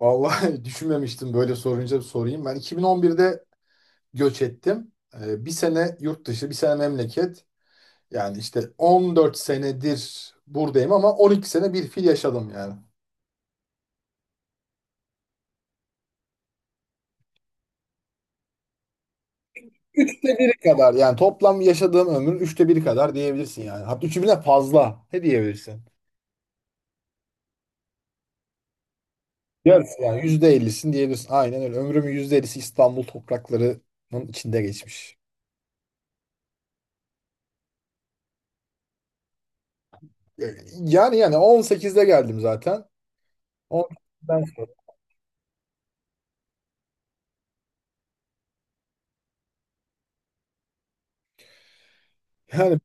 Vallahi düşünmemiştim böyle sorunca sorayım. Ben 2011'de göç ettim. Bir sene yurt dışı, bir sene memleket. Yani işte 14 senedir buradayım ama 12 sene bir fil yaşadım yani. Üçte biri kadar yani toplam yaşadığım ömrün üçte biri kadar diyebilirsin yani. Hatta üçü bile fazla. Ne diyebilirsin? Yarısı yani %50'sin diyebilirsin. Aynen öyle. Ömrümün %50'si İstanbul topraklarının içinde geçmiş. Yani 18'de geldim zaten. 18'den sonra. Yani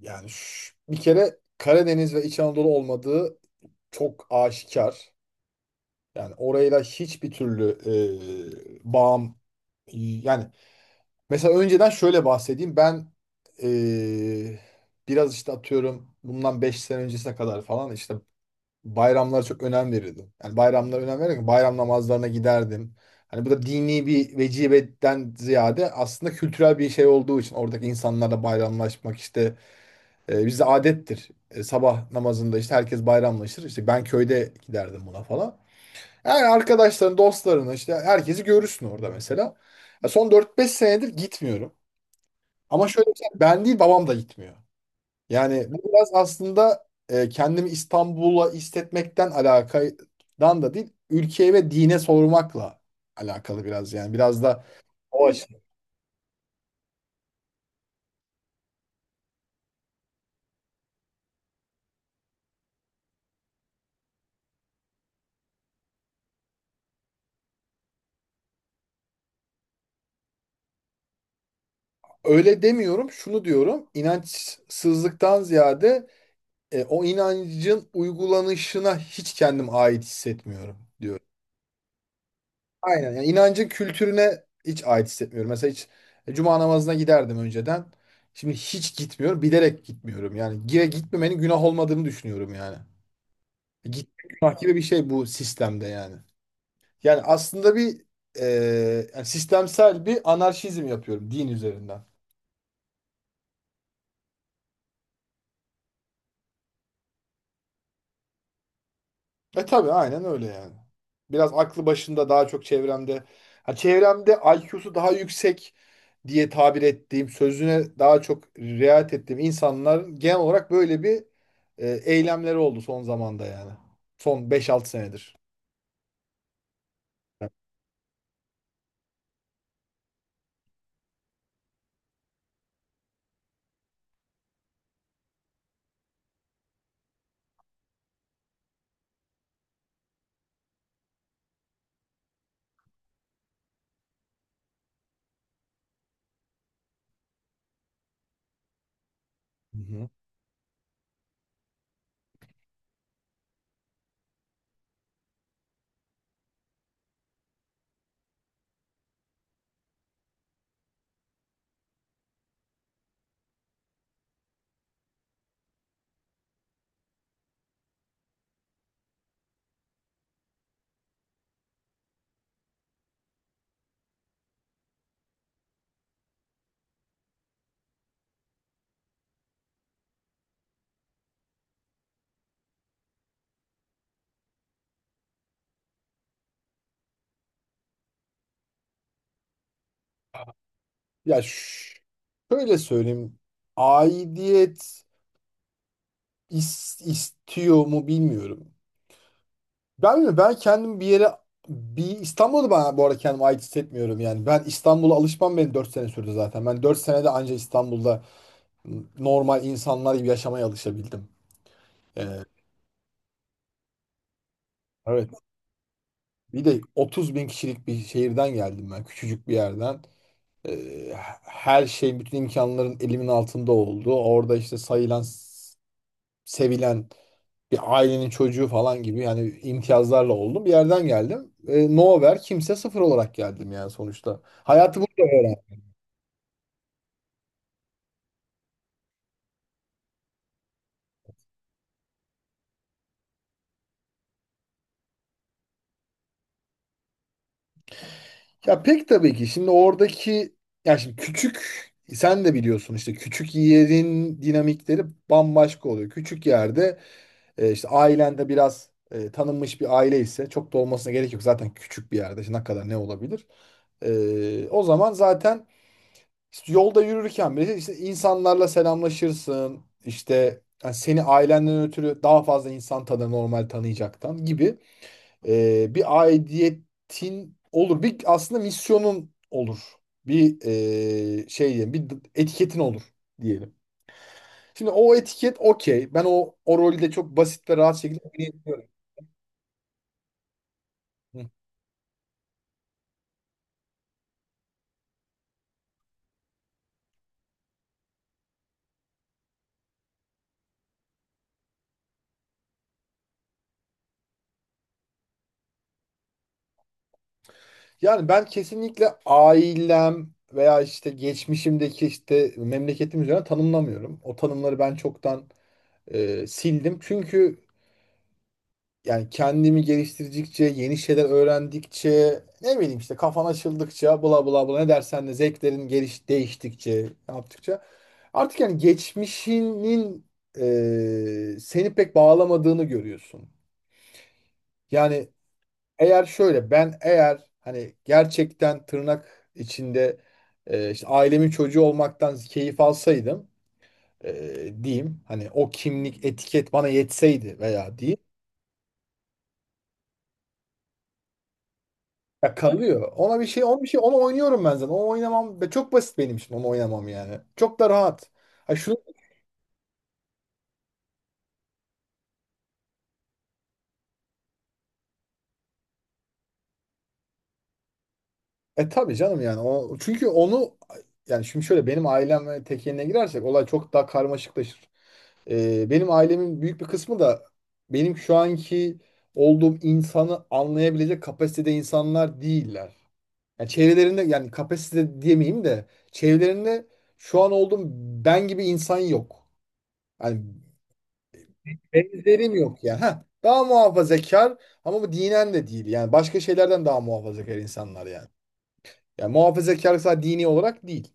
Yani, bir kere Karadeniz ve İç Anadolu olmadığı çok aşikar. Yani orayla hiçbir türlü bağım yani mesela önceden şöyle bahsedeyim. Ben e, biraz işte atıyorum bundan 5 sene öncesine kadar falan işte bayramlara çok önem verirdim. Yani bayramlara önem verirken bayram namazlarına giderdim. Hani bu da dini bir vecibeden ziyade aslında kültürel bir şey olduğu için oradaki insanlarla bayramlaşmak işte bizde adettir. Sabah namazında işte herkes bayramlaşır. İşte ben köyde giderdim buna falan. Yani arkadaşların, dostlarını işte herkesi görürsün orada mesela. Ya son 4-5 senedir gitmiyorum. Ama şöyle bir şey, ben değil babam da gitmiyor. Yani bu biraz aslında kendimi İstanbul'a hissetmekten alakadan da değil, ülkeye ve dine sormakla alakalı biraz yani. Biraz da o açıdan. Öyle demiyorum, şunu diyorum. İnançsızlıktan ziyade o inancın uygulanışına hiç kendim ait hissetmiyorum diyorum. Aynen. Yani inancın kültürüne hiç ait hissetmiyorum. Mesela hiç cuma namazına giderdim önceden. Şimdi hiç gitmiyorum. Bilerek gitmiyorum. Yani gire gitmemenin günah olmadığını düşünüyorum yani. Gitmek günah gibi bir şey bu sistemde yani. Yani aslında bir e, yani sistemsel bir anarşizm yapıyorum din üzerinden. E tabii aynen öyle yani. Biraz aklı başında daha çok çevremde. Ha, çevremde IQ'su daha yüksek diye tabir ettiğim, sözüne daha çok riayet ettiğim insanların genel olarak böyle bir eylemleri oldu son zamanda yani. Son 5-6 senedir. Hı hı. Ya şöyle söyleyeyim. Aidiyet istiyor mu bilmiyorum. Ben mi? Ben kendim bir yere bir İstanbul'da ben bu arada kendimi ait hissetmiyorum yani. Ben İstanbul'a alışmam benim 4 sene sürdü zaten. Ben 4 senede anca İstanbul'da normal insanlar gibi yaşamaya alışabildim. Ee, evet. Bir de 30 bin kişilik bir şehirden geldim ben. Küçücük bir yerden. Ee, her şey, bütün imkanların elimin altında oldu. Orada işte sayılan, sevilen bir ailenin çocuğu falan gibi yani imtiyazlarla oldum. Bir yerden geldim. Nowhere kimse sıfır olarak geldim yani sonuçta. Hayatı burada öğrendim. Ya pek tabii ki şimdi oradaki ya şimdi küçük sen de biliyorsun işte küçük yerin dinamikleri bambaşka oluyor. Küçük yerde işte ailende biraz tanınmış bir aile ise çok da olmasına gerek yok. Zaten küçük bir yerde işte ne kadar ne olabilir? O zaman zaten İşte yolda yürürken bile işte insanlarla selamlaşırsın. İşte yani seni ailenden ötürü daha fazla insan tanır normal tanıyacaktan gibi bir aidiyetin olur. Bir aslında misyonun olur. Bir şey diyelim, bir etiketin olur diyelim. Şimdi o etiket okey. Ben o, o rolü de çok basit ve rahat şekilde oynayabiliyorum. Hı. Yani ben kesinlikle ailem veya işte geçmişimdeki işte memleketim üzerine tanımlamıyorum. O tanımları ben çoktan sildim. Çünkü yani kendimi geliştirdikçe, yeni şeyler öğrendikçe, ne bileyim işte kafan açıldıkça, bla bla bla ne dersen de zevklerin geliş değiştikçe, yaptıkça artık yani geçmişinin seni pek bağlamadığını görüyorsun. Yani eğer şöyle ben eğer hani gerçekten tırnak içinde işte ailemin çocuğu olmaktan keyif alsaydım diyeyim hani o kimlik etiket bana yetseydi veya diyeyim ya kalıyor. Ona bir şey ona bir şey onu oynuyorum ben zaten. Onu oynamam ve çok basit benim için onu oynamam yani. Çok da rahat. Ha, şunu e tabii canım yani o çünkü onu yani şimdi şöyle benim ailem ve tekeline girersek olay çok daha karmaşıklaşır. Benim ailemin büyük bir kısmı da benim şu anki olduğum insanı anlayabilecek kapasitede insanlar değiller. Yani çevrelerinde yani kapasite diyemeyeyim de çevrelerinde şu an olduğum ben gibi insan yok. Yani benzerim yok yani. Heh, daha muhafazakar ama bu dinen de değil. Yani başka şeylerden daha muhafazakar insanlar yani. Yani muhafazakar sadece dini olarak değil.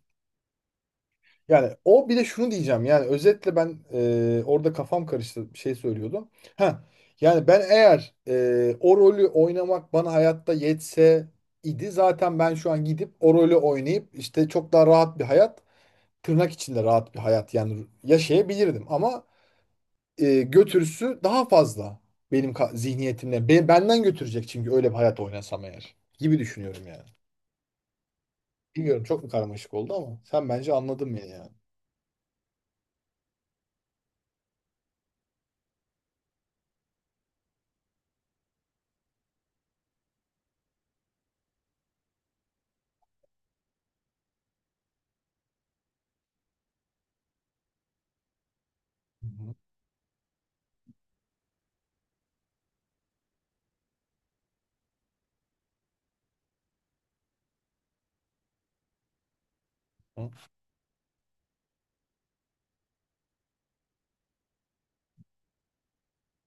Yani o bir de şunu diyeceğim yani özetle ben orada kafam karıştı bir şey söylüyordum. Ha yani ben eğer o rolü oynamak bana hayatta yetse idi zaten ben şu an gidip o rolü oynayıp işte çok daha rahat bir hayat tırnak içinde rahat bir hayat yani yaşayabilirdim ama götürüsü daha fazla benim zihniyetimle benden götürecek çünkü öyle bir hayat oynasam eğer gibi düşünüyorum yani. Bilmiyorum çok mu karmaşık oldu ama sen bence anladın beni yani. Hı hı.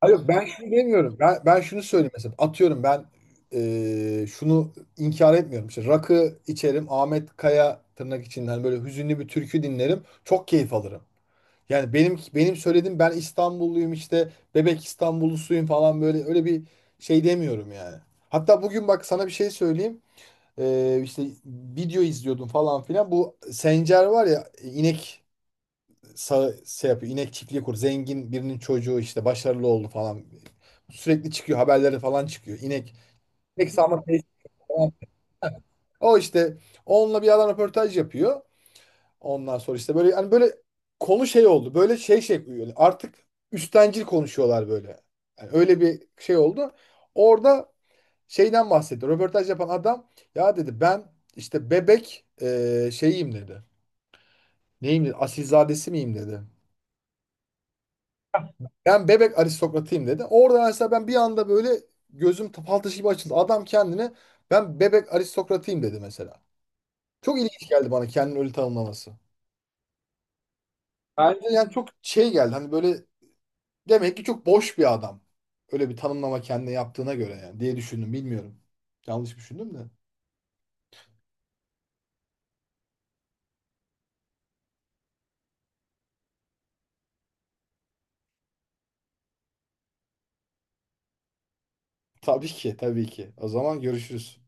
Hayır yok, ben şunu demiyorum. Ben şunu söyleyeyim mesela. Atıyorum ben şunu inkar etmiyorum. İşte rakı içerim. Ahmet Kaya tırnak içinden böyle hüzünlü bir türkü dinlerim. Çok keyif alırım. Yani benim söylediğim ben İstanbulluyum işte bebek İstanbullusuyum falan böyle öyle bir şey demiyorum yani. Hatta bugün bak sana bir şey söyleyeyim. İşte video izliyordum falan filan. Bu Sencer var ya inek şey yapıyor. İnek çiftliği kur. Zengin birinin çocuğu işte başarılı oldu falan. Sürekli çıkıyor. Haberleri falan çıkıyor. İnek. İnek sağma tesisi falan. O işte onunla bir adam röportaj yapıyor. Ondan sonra işte böyle hani böyle konu şey oldu. Böyle şey yani artık üstencil konuşuyorlar böyle. Yani öyle bir şey oldu. Orada şeyden bahsetti. Röportaj yapan adam ya dedi ben işte bebek şeyiyim dedi. Neyim dedi? Asilzadesi miyim dedi. Ben bebek aristokratıyım dedi. Orada mesela ben bir anda böyle gözüm fal taşı gibi açıldı. Adam kendine ben bebek aristokratıyım dedi mesela. Çok ilginç geldi bana kendini öyle tanımlaması. Yani çok şey geldi hani böyle demek ki çok boş bir adam. Öyle bir tanımlama kendine yaptığına göre yani diye düşündüm bilmiyorum. Yanlış düşündüm de. Tabii ki tabii ki. O zaman görüşürüz.